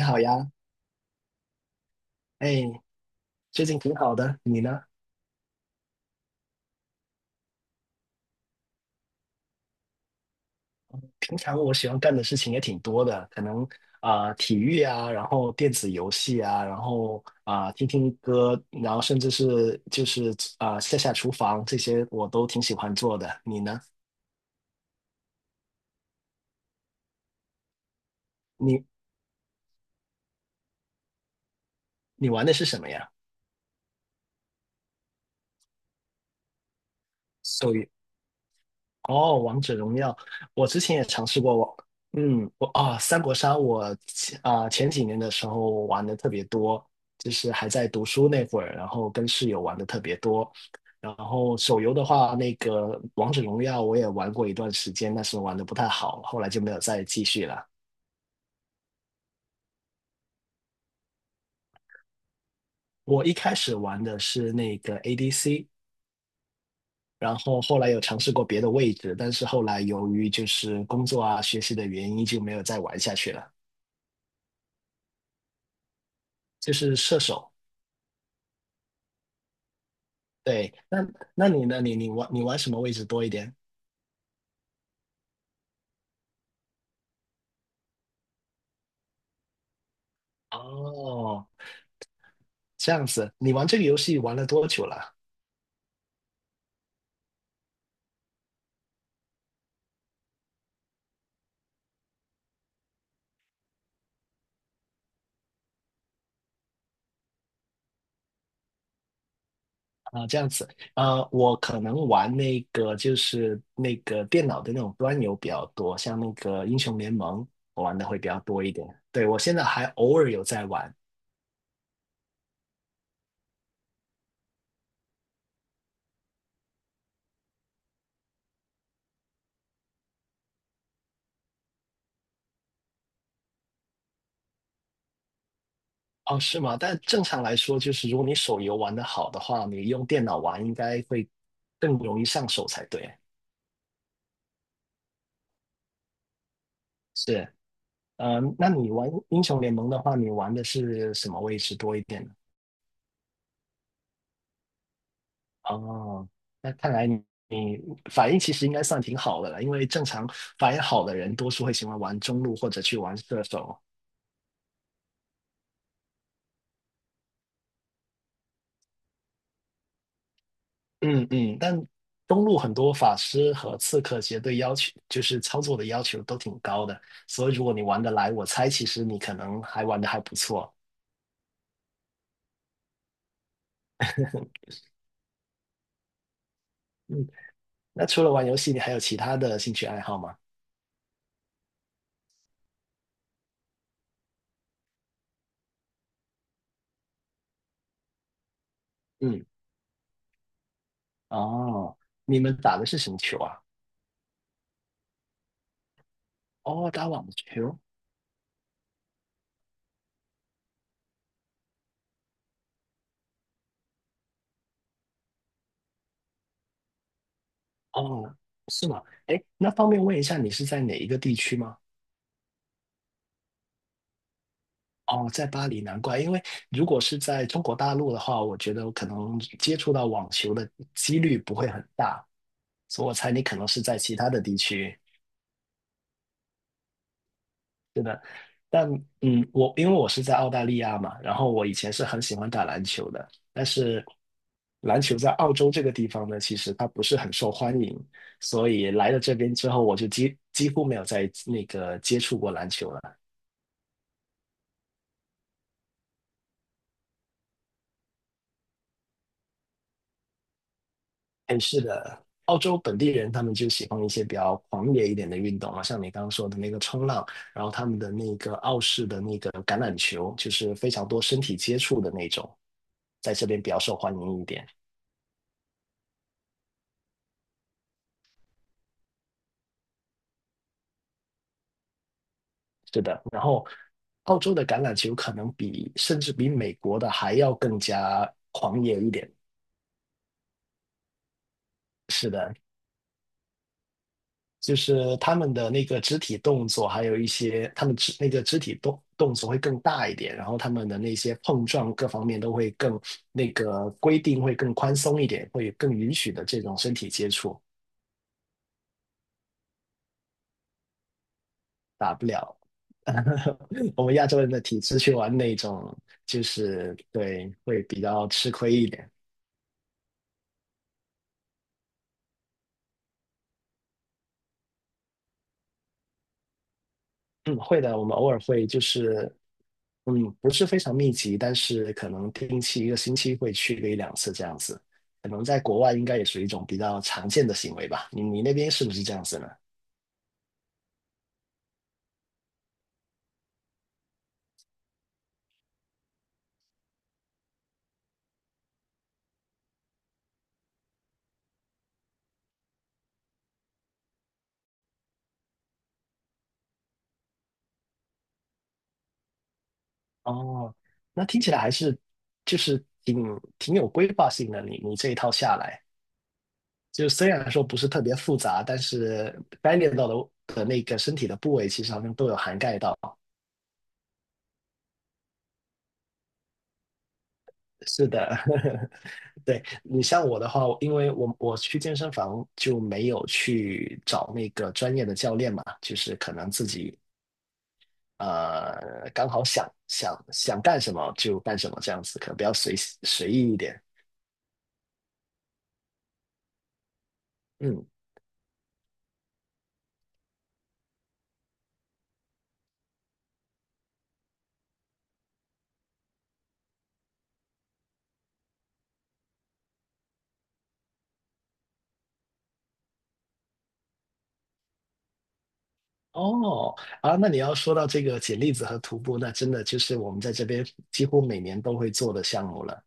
你好呀，哎，最近挺好的，你呢？平常我喜欢干的事情也挺多的，可能体育啊，然后电子游戏啊，然后听听歌，然后甚至是就是下下厨房这些我都挺喜欢做的。你呢？你你玩的是什么呀？手游哦，王者荣耀，我之前也尝试过我，嗯，我啊，三国杀我前几年的时候玩的特别多，就是还在读书那会儿，然后跟室友玩的特别多。然后手游的话，那个王者荣耀我也玩过一段时间，但是玩的不太好，后来就没有再继续了。我一开始玩的是那个 ADC，然后后来有尝试过别的位置，但是后来由于就是工作啊、学习的原因，就没有再玩下去了。就是射手，对，那你呢？你玩什么位置多一点？哦，这样子，你玩这个游戏玩了多久了？这样子，我可能玩那个就是那个电脑的那种端游比较多，像那个英雄联盟，我玩的会比较多一点。对，我现在还偶尔有在玩。哦，是吗？但正常来说，就是如果你手游玩的好的话，你用电脑玩应该会更容易上手才对。是，嗯，那你玩英雄联盟的话，你玩的是什么位置多一点呢？哦，那看来你反应其实应该算挺好的了，因为正常反应好的人多数会喜欢玩中路或者去玩射手。嗯嗯，但中路很多法师和刺客其实对要求就是操作的要求都挺高的，所以如果你玩得来，我猜其实你可能还玩得还不错。嗯，那除了玩游戏，你还有其他的兴趣爱好吗？嗯，哦，你们打的是什么球啊？哦，打网球，哦，是吗？哎，那方便问一下，你是在哪一个地区吗？哦，在巴黎，难怪，因为如果是在中国大陆的话，我觉得我可能接触到网球的几率不会很大，所以我猜你可能是在其他的地区。是的，但嗯，我因为我是在澳大利亚嘛，然后我以前是很喜欢打篮球的，但是篮球在澳洲这个地方呢，其实它不是很受欢迎，所以来了这边之后，我就几乎没有再那个接触过篮球了。哎，是的，澳洲本地人他们就喜欢一些比较狂野一点的运动啊，像你刚刚说的那个冲浪，然后他们的那个澳式的那个橄榄球，就是非常多身体接触的那种，在这边比较受欢迎一点。是的，然后澳洲的橄榄球可能比甚至比美国的还要更加狂野一点。是的，就是他们的那个肢体动作，还有一些他们那个肢体动作会更大一点，然后他们的那些碰撞各方面都会更那个规定会更宽松一点，会更允许的这种身体接触。打不了，我们亚洲人的体质去玩那种，就是对，会比较吃亏一点。嗯，会的，我们偶尔会就是，嗯，不是非常密集，但是可能定期1个星期会去个1、2次这样子。可能在国外应该也属于一种比较常见的行为吧。你那边是不是这样子呢？哦，那听起来还是就是挺有规划性的。你这一套下来，就虽然说不是特别复杂，但是该练到的那个身体的部位，其实好像都有涵盖到。是的，对，你像我的话，因为我去健身房就没有去找那个专业的教练嘛，就是可能自己刚好想想干什么就干什么这样子，可能比较随意一点。嗯，哦，啊，那你要说到这个捡栗子和徒步，那真的就是我们在这边几乎每年都会做的项目了。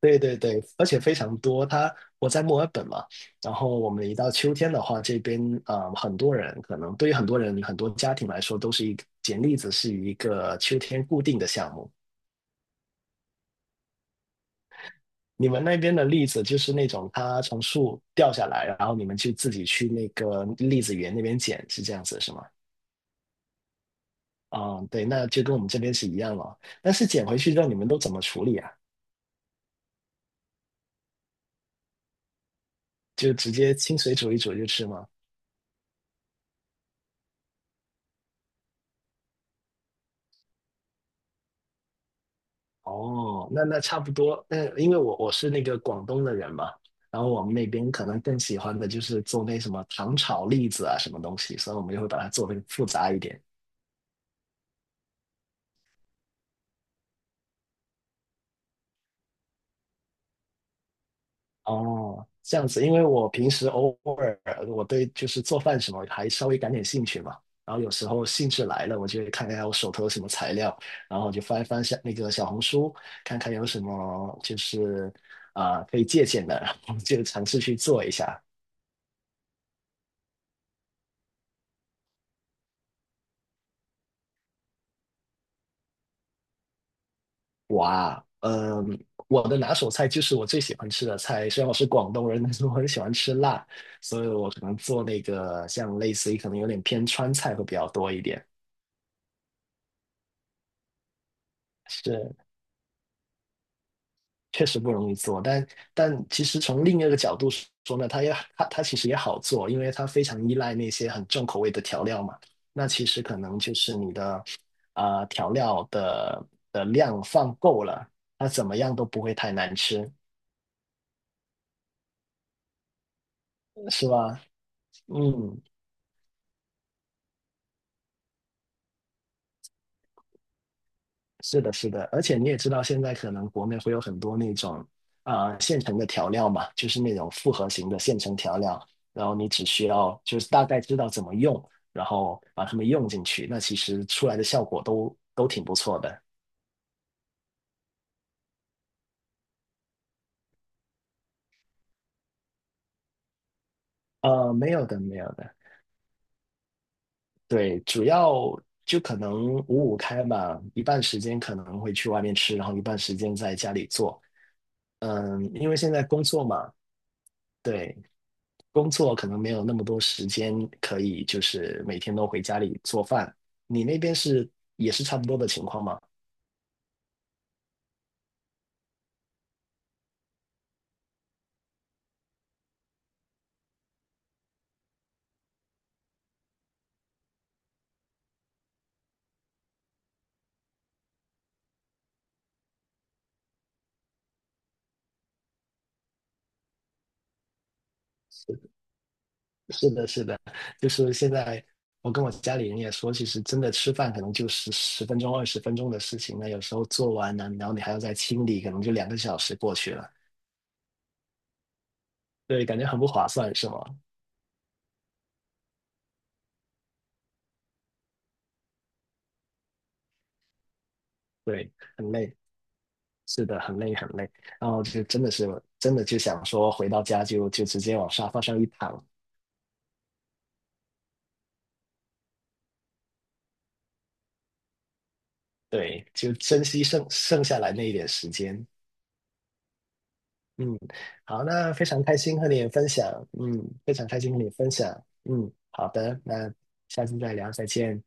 对对对，而且非常多。我在墨尔本嘛，然后我们一到秋天的话，这边啊，很多人可能对于很多人很多家庭来说，都是一个捡栗子是一个秋天固定的项目。你们那边的栗子就是那种它从树掉下来，然后你们就自己去那个栗子园那边捡，是这样子是吗？啊，对，那就跟我们这边是一样了。但是捡回去之后，你们都怎么处理啊？就直接清水煮一煮就吃吗？哦，那那差不多。嗯，因为我是那个广东的人嘛，然后我们那边可能更喜欢的就是做那什么糖炒栗子啊，什么东西，所以我们就会把它做的复杂一点。哦，这样子，因为我平时偶尔我对就是做饭什么还稍微感点兴趣嘛，然后有时候兴致来了，我就会看看我手头有什么材料，然后我就翻一翻下那个小红书，看看有什么就是可以借鉴的，然后就尝试去做一下。我啊，嗯，我的拿手菜就是我最喜欢吃的菜。虽然我是广东人，但是我很喜欢吃辣，所以我可能做那个像类似于可能有点偏川菜会比较多一点。是，确实不容易做，但其实从另一个角度说呢，它其实也好做，因为它非常依赖那些很重口味的调料嘛。那其实可能就是你的调料的量放够了，它怎么样都不会太难吃，是吧？嗯。是的，是的，而且你也知道，现在可能国内会有很多那种现成的调料嘛，就是那种复合型的现成调料，然后你只需要就是大概知道怎么用，然后把它们用进去，那其实出来的效果都挺不错的。没有的，没有的，对，主要就可能五五开嘛，一半时间可能会去外面吃，然后一半时间在家里做。嗯，因为现在工作嘛，对，工作可能没有那么多时间可以，就是每天都回家里做饭。你那边是也是差不多的情况吗？是的，是的，就是现在我跟我家里人也说，其实真的吃饭可能就十分钟、20分钟的事情，那有时候做完呢，然后你还要再清理，可能就2个小时过去了。对，感觉很不划算，是吗？对，很累，是的，很累很累。然后就真的就想说回到家就直接往沙发上一躺，对，就珍惜剩下来那一点时间。嗯，好，那非常开心和你分享，嗯，非常开心和你分享，嗯，好的，那下次再聊，再见。